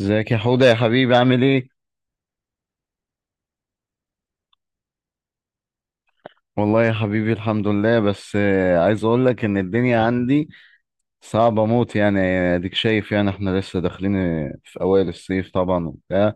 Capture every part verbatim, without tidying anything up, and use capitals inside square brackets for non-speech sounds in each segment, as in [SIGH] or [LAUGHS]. ازيك يا حوده يا حبيبي؟ عامل ايه؟ والله يا حبيبي الحمد لله، بس آه، عايز اقول لك ان الدنيا عندي صعبه موت يعني. اديك شايف، يعني احنا لسه داخلين آه، في اوائل الصيف طبعا وبتاع.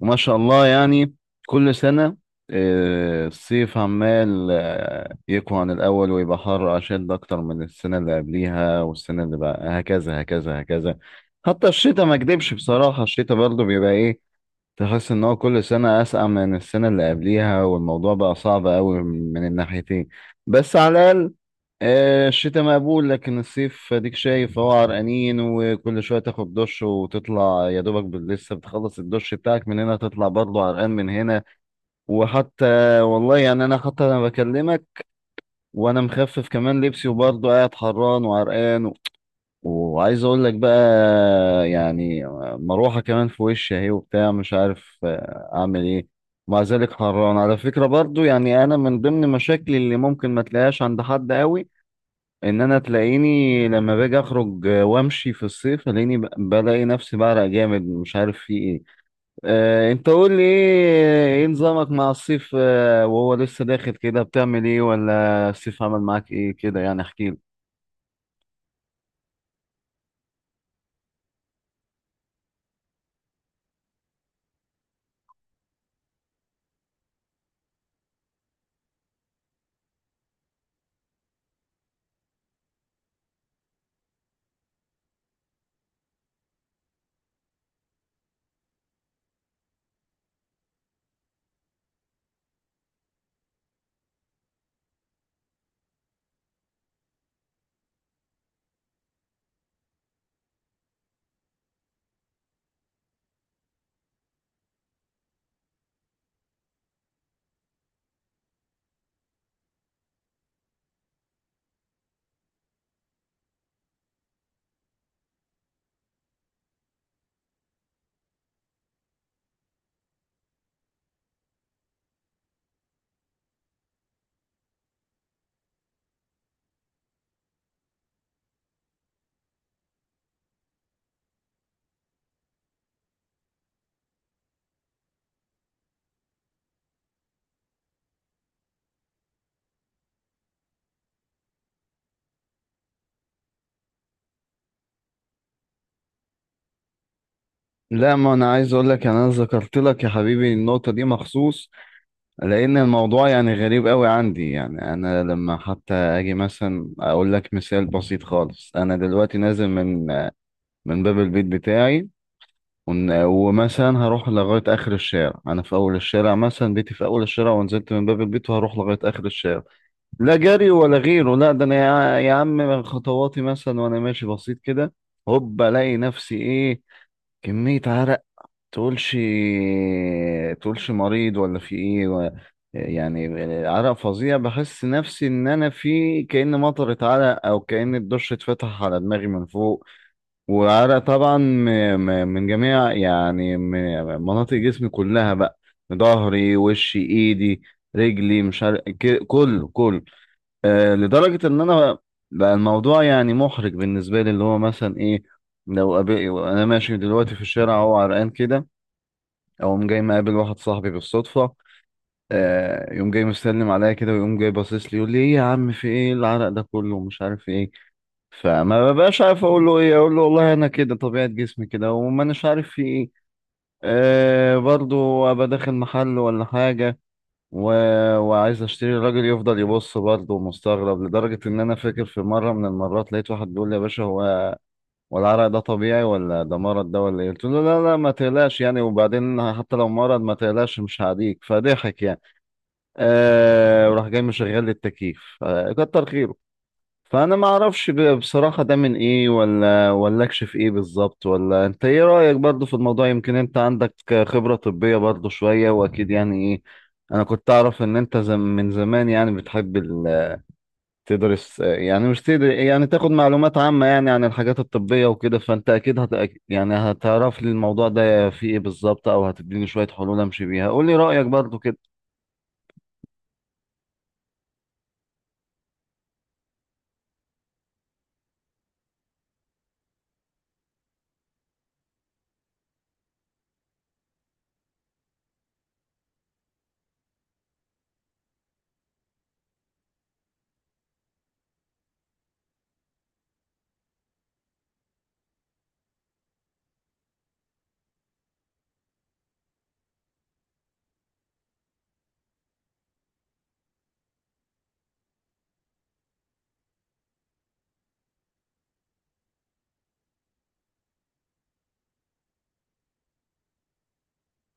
وما شاء الله، يعني كل سنه آه، الصيف عمال آه، يقوى عن الاول ويبقى حر اشد اكتر من السنه اللي قبليها، والسنه اللي بقى هكذا هكذا هكذا. حتى الشتاء ما اكدبش بصراحه، الشتاء برضه بيبقى ايه؟ تحس ان هو كل سنة اسقع من السنة اللي قبليها، والموضوع بقى صعب قوي من الناحيتين. بس على الاقل آه، الشتاء مقبول، لكن الصيف اديك شايف هو عرقانين، وكل شوية تاخد دش وتطلع يا دوبك بال- لسه بتخلص الدش بتاعك من هنا تطلع برضه عرقان من هنا. وحتى والله يعني، انا حتى انا بكلمك وانا مخفف كمان لبسي وبرضه قاعد حران وعرقان. وعايز اقول لك بقى، يعني مروحة كمان في وشي اهي وبتاع، مش عارف آه، اعمل ايه. ومع ذلك حران على فكرة برضو. يعني انا من ضمن مشاكلي اللي ممكن ما تلاقيهاش عند حد قوي، ان انا تلاقيني لما باجي اخرج آه، وامشي في الصيف تلاقيني ب- بلاقي نفسي بعرق جامد، مش عارف في ايه. آه انت قول لي ايه، إيه نظامك مع الصيف آه وهو لسه داخل كده؟ بتعمل ايه، ولا الصيف عمل معاك ايه كده؟ يعني احكي. لا، ما انا عايز اقول لك، يعني انا ذكرت لك يا حبيبي النقطه دي مخصوص لان الموضوع يعني غريب قوي عندي. يعني انا لما حتى اجي مثلا اقول لك مثال بسيط خالص، انا دلوقتي نازل من من باب البيت بتاعي، ون- ومثلا هروح لغايه اخر الشارع. انا في اول الشارع، مثلا بيتي في اول الشارع، ونزلت من باب البيت وهروح لغايه اخر الشارع، لا جري ولا غيره، لا ده انا يا يا عم، خطواتي مثلا وانا ماشي بسيط كده، هوب الاقي نفسي ايه، كمية عرق، تقولش تقولش مريض ولا في ايه و... يعني عرق فظيع. بحس نفسي ان انا في كأن مطرت عرق، او كأن الدش اتفتح على دماغي من فوق. وعرق طبعا م... م... من جميع يعني م... مناطق جسمي كلها بقى، ظهري، وشي، ايدي، رجلي، مش عارف، ك- كله كله. آه لدرجة ان انا بقى الموضوع يعني محرج بالنسبة لي، اللي هو مثلا ايه، لو قابل... انا ماشي دلوقتي في الشارع اهو عرقان كده، اقوم جاي مقابل واحد صاحبي بالصدفه، آه يقوم جاي مسلم عليا كده، ويقوم جاي باصص لي يقول لي ايه يا عم، في ايه؟ إيه العرق ده كله ومش عارف ايه. فما ببقاش عارف اقول له ايه، اقول له والله انا كده طبيعه جسمي كده وما اناش عارف في ايه. آه برضو ابقى داخل محل ولا حاجه و... وعايز اشتري، الراجل يفضل يبص برضه مستغرب، لدرجه ان انا فاكر في مره من المرات لقيت واحد بيقول لي يا باشا، هو والعرق ده طبيعي ولا ده مرض ده ولا ايه؟ قلت له لا لا، ما تقلقش يعني، وبعدين حتى لو مرض ما تقلقش مش هعديك، فضحك يعني. آه وراح جاي مشغل لي التكييف، آه كتر خيره. فانا ما اعرفش ب- بصراحة ده من ايه، ولا ولا اكشف ايه بالظبط، ولا انت ايه رأيك برضو في الموضوع. يمكن انت عندك خبرة طبية برضو شوية، واكيد يعني ايه، انا كنت اعرف ان انت زم من زمان يعني بتحب تقدر الس- يعني مش تقدر يعني تاخد معلومات عامة يعني عن الحاجات الطبية وكده. فانت اكيد هت... يعني هتعرف لي الموضوع ده فيه ايه بالظبط، او هتديني شوية حلول امشي بيها. قول لي رأيك برضو كده.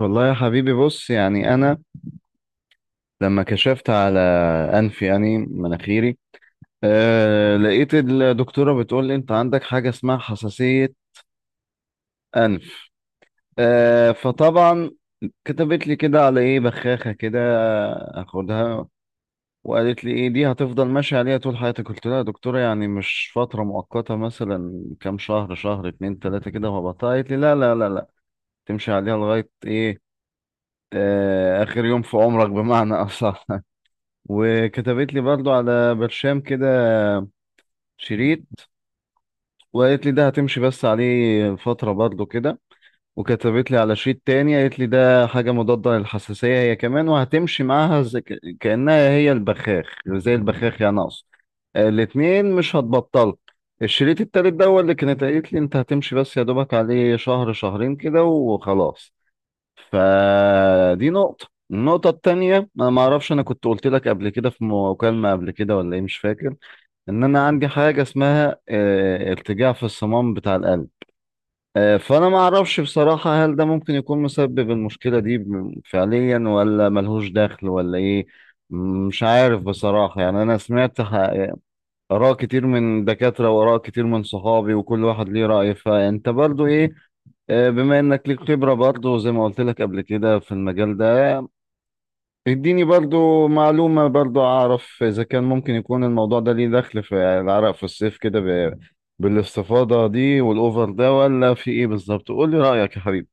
والله يا حبيبي بص، يعني انا لما كشفت على انفي، يعني مناخيري، آه لقيت الدكتورة بتقول لي انت عندك حاجة اسمها حساسية انف. آه فطبعا كتبت لي كده على ايه، بخاخة كده، اخدها، وقالت لي ايه دي هتفضل ماشية عليها طول حياتك. قلت لها يا دكتورة، يعني مش فترة مؤقتة مثلا، كام شهر، شهر، اتنين، تلاتة كده وهبطلها؟ قالت لي لا لا لا لا، تمشي عليها لغاية ايه؟ آه اخر يوم في عمرك بمعنى اصح. [LAUGHS] وكتبت لي برضو على برشام كده، شريط، وقالت لي ده هتمشي بس عليه فترة برضو كده. وكتبت لي على شريط تاني، قالت لي ده حاجة مضادة للحساسية هي كمان، وهتمشي معاها زي كأنها هي البخاخ، زي البخاخ يعني أقصد، الاتنين مش هتبطل. الشريط التالت ده هو اللي كانت قالت لي انت هتمشي بس يا دوبك عليه شهر شهرين كده وخلاص. فدي نقطة. النقطة التانية، انا ما اعرفش، انا كنت قلت لك قبل كده في مكالمة قبل كده ولا ايه، مش فاكر، ان انا عندي حاجة اسمها آه، ارتجاع في الصمام بتاع القلب. آه، فانا ما اعرفش بصراحة هل ده ممكن يكون مسبب المشكلة دي ب- فعليا، ولا ملهوش دخل ولا ايه. مش عارف بصراحة يعني، أنا سمعت ح- آراء كتير من دكاترة وآراء كتير من صحابي، وكل واحد ليه رأي. فأنت برضو إيه، آه، بما إنك ليك خبرة برضو زي ما قلت لك قبل كده في المجال ده، اديني برضو معلومة برضو، أعرف إذا كان ممكن يكون الموضوع ده ليه دخل في العرق في الصيف كده ب- بالاستفاضة دي والأوفر ده، ولا في إيه بالظبط. قول لي رأيك يا حبيبي.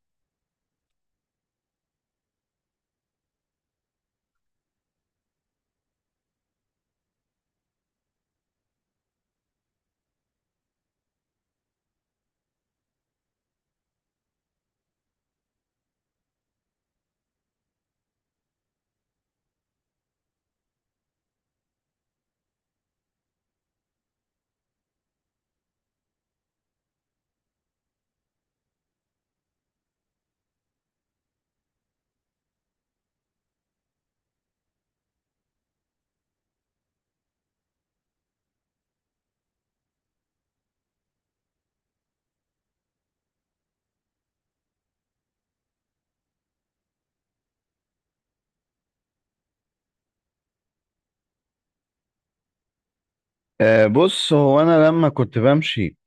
آه، بص هو أنا لما كنت بمشي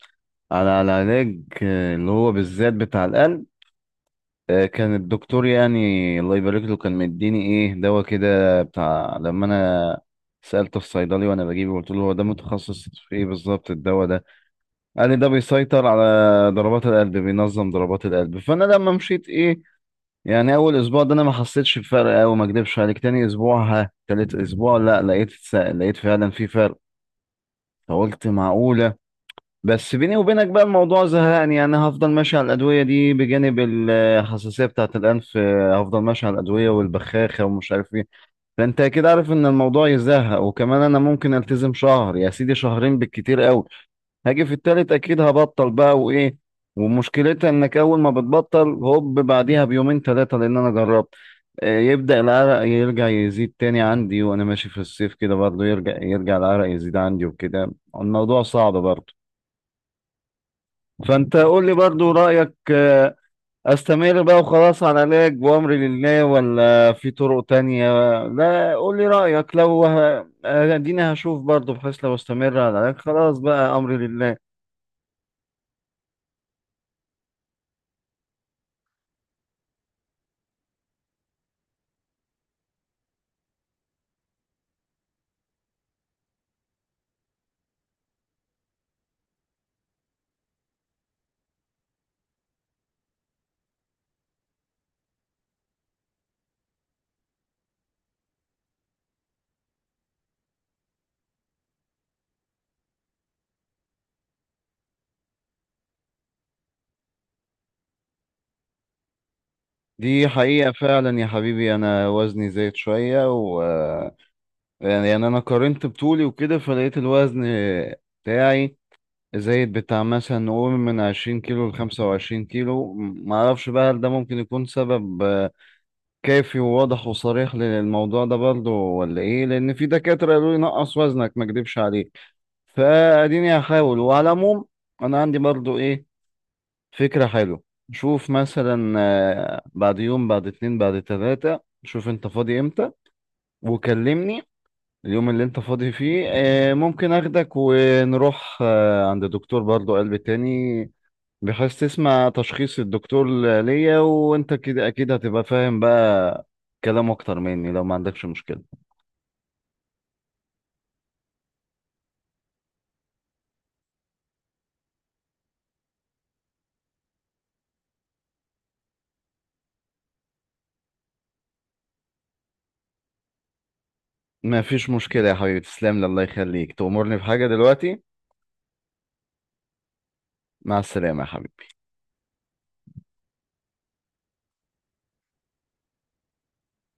على العلاج، آه، اللي هو بالذات بتاع القلب، آه، كان الدكتور يعني الله يبارك له كان مديني ايه، دواء كده بتاع، لما انا سألت الصيدلي وانا بجيبه قلت له هو ده متخصص في ايه بالظبط الدواء ده، قال لي ده بيسيطر على ضربات القلب، بينظم ضربات القلب. فانا لما مشيت ايه يعني، اول اسبوع ده انا ما حسيتش بفرق قوي ما اكدبش عليك، تاني اسبوع ها، تالت اسبوع لا، لقيت لقيت فعلا في فرق. فقلت معقولة. بس بيني وبينك بقى الموضوع زهقني يعني، هفضل ماشي على الأدوية دي بجانب الحساسية بتاعة الأنف، آه، هفضل ماشي على الأدوية والبخاخة ومش عارف ايه. فأنت أكيد عارف إن الموضوع يزهق، وكمان أنا ممكن ألتزم شهر يا سيدي، شهرين بالكتير قوي، هاجي في التالت أكيد هبطل بقى وإيه. ومشكلتها إنك أول ما بتبطل هوب بعديها بيومين تلاتة، لأن أنا جربت، آه، يبدأ العرق يرجع يزيد تاني عندي، وأنا ماشي في الصيف كده برضه يرجع يرجع العرق يزيد عندي وكده. الموضوع صعب برضه. فانت قول لي برضو رأيك، آه، استمر بقى وخلاص على علاج وامري لله، ولا في طرق تانية؟ لا، قول لي رأيك، لو ه- اديني هشوف برضو، بحيث لو استمر على العلاج خلاص بقى امري لله. دي حقيقة فعلا يا حبيبي، انا وزني زايد شوية و آه، يعني يعني انا قارنت بطولي وكده، فلقيت الوزن بتاعي زايد بتاع مثلا نقول من عشرين كيلو لخمسة وعشرين كيلو، معرفش بقى هل ده ممكن يكون سبب كافي وواضح وصريح للموضوع ده برضه ولا ايه. لان في دكاترة قالوا لي نقص وزنك ما اكدبش عليك. فاديني هحاول. وعلى العموم، انا عندي برضه ايه، فكرة حلوة. شوف مثلا آه، بعد يوم، بعد اتنين، بعد تلاتة، شوف انت فاضي امتى وكلمني. اليوم اللي انت فاضي فيه آه، ممكن اخدك ونروح آه، عند دكتور برضه قلب تاني، بحيث تسمع تشخيص الدكتور ليا، وانت كده اكيد هتبقى فاهم بقى كلام اكتر مني، لو ما عندكش مشكلة. ما فيش مشكلة يا حبيبي، تسلم لي، الله يخليك، تأمرني بحاجة دلوقتي؟ مع السلامة يا حبيبي.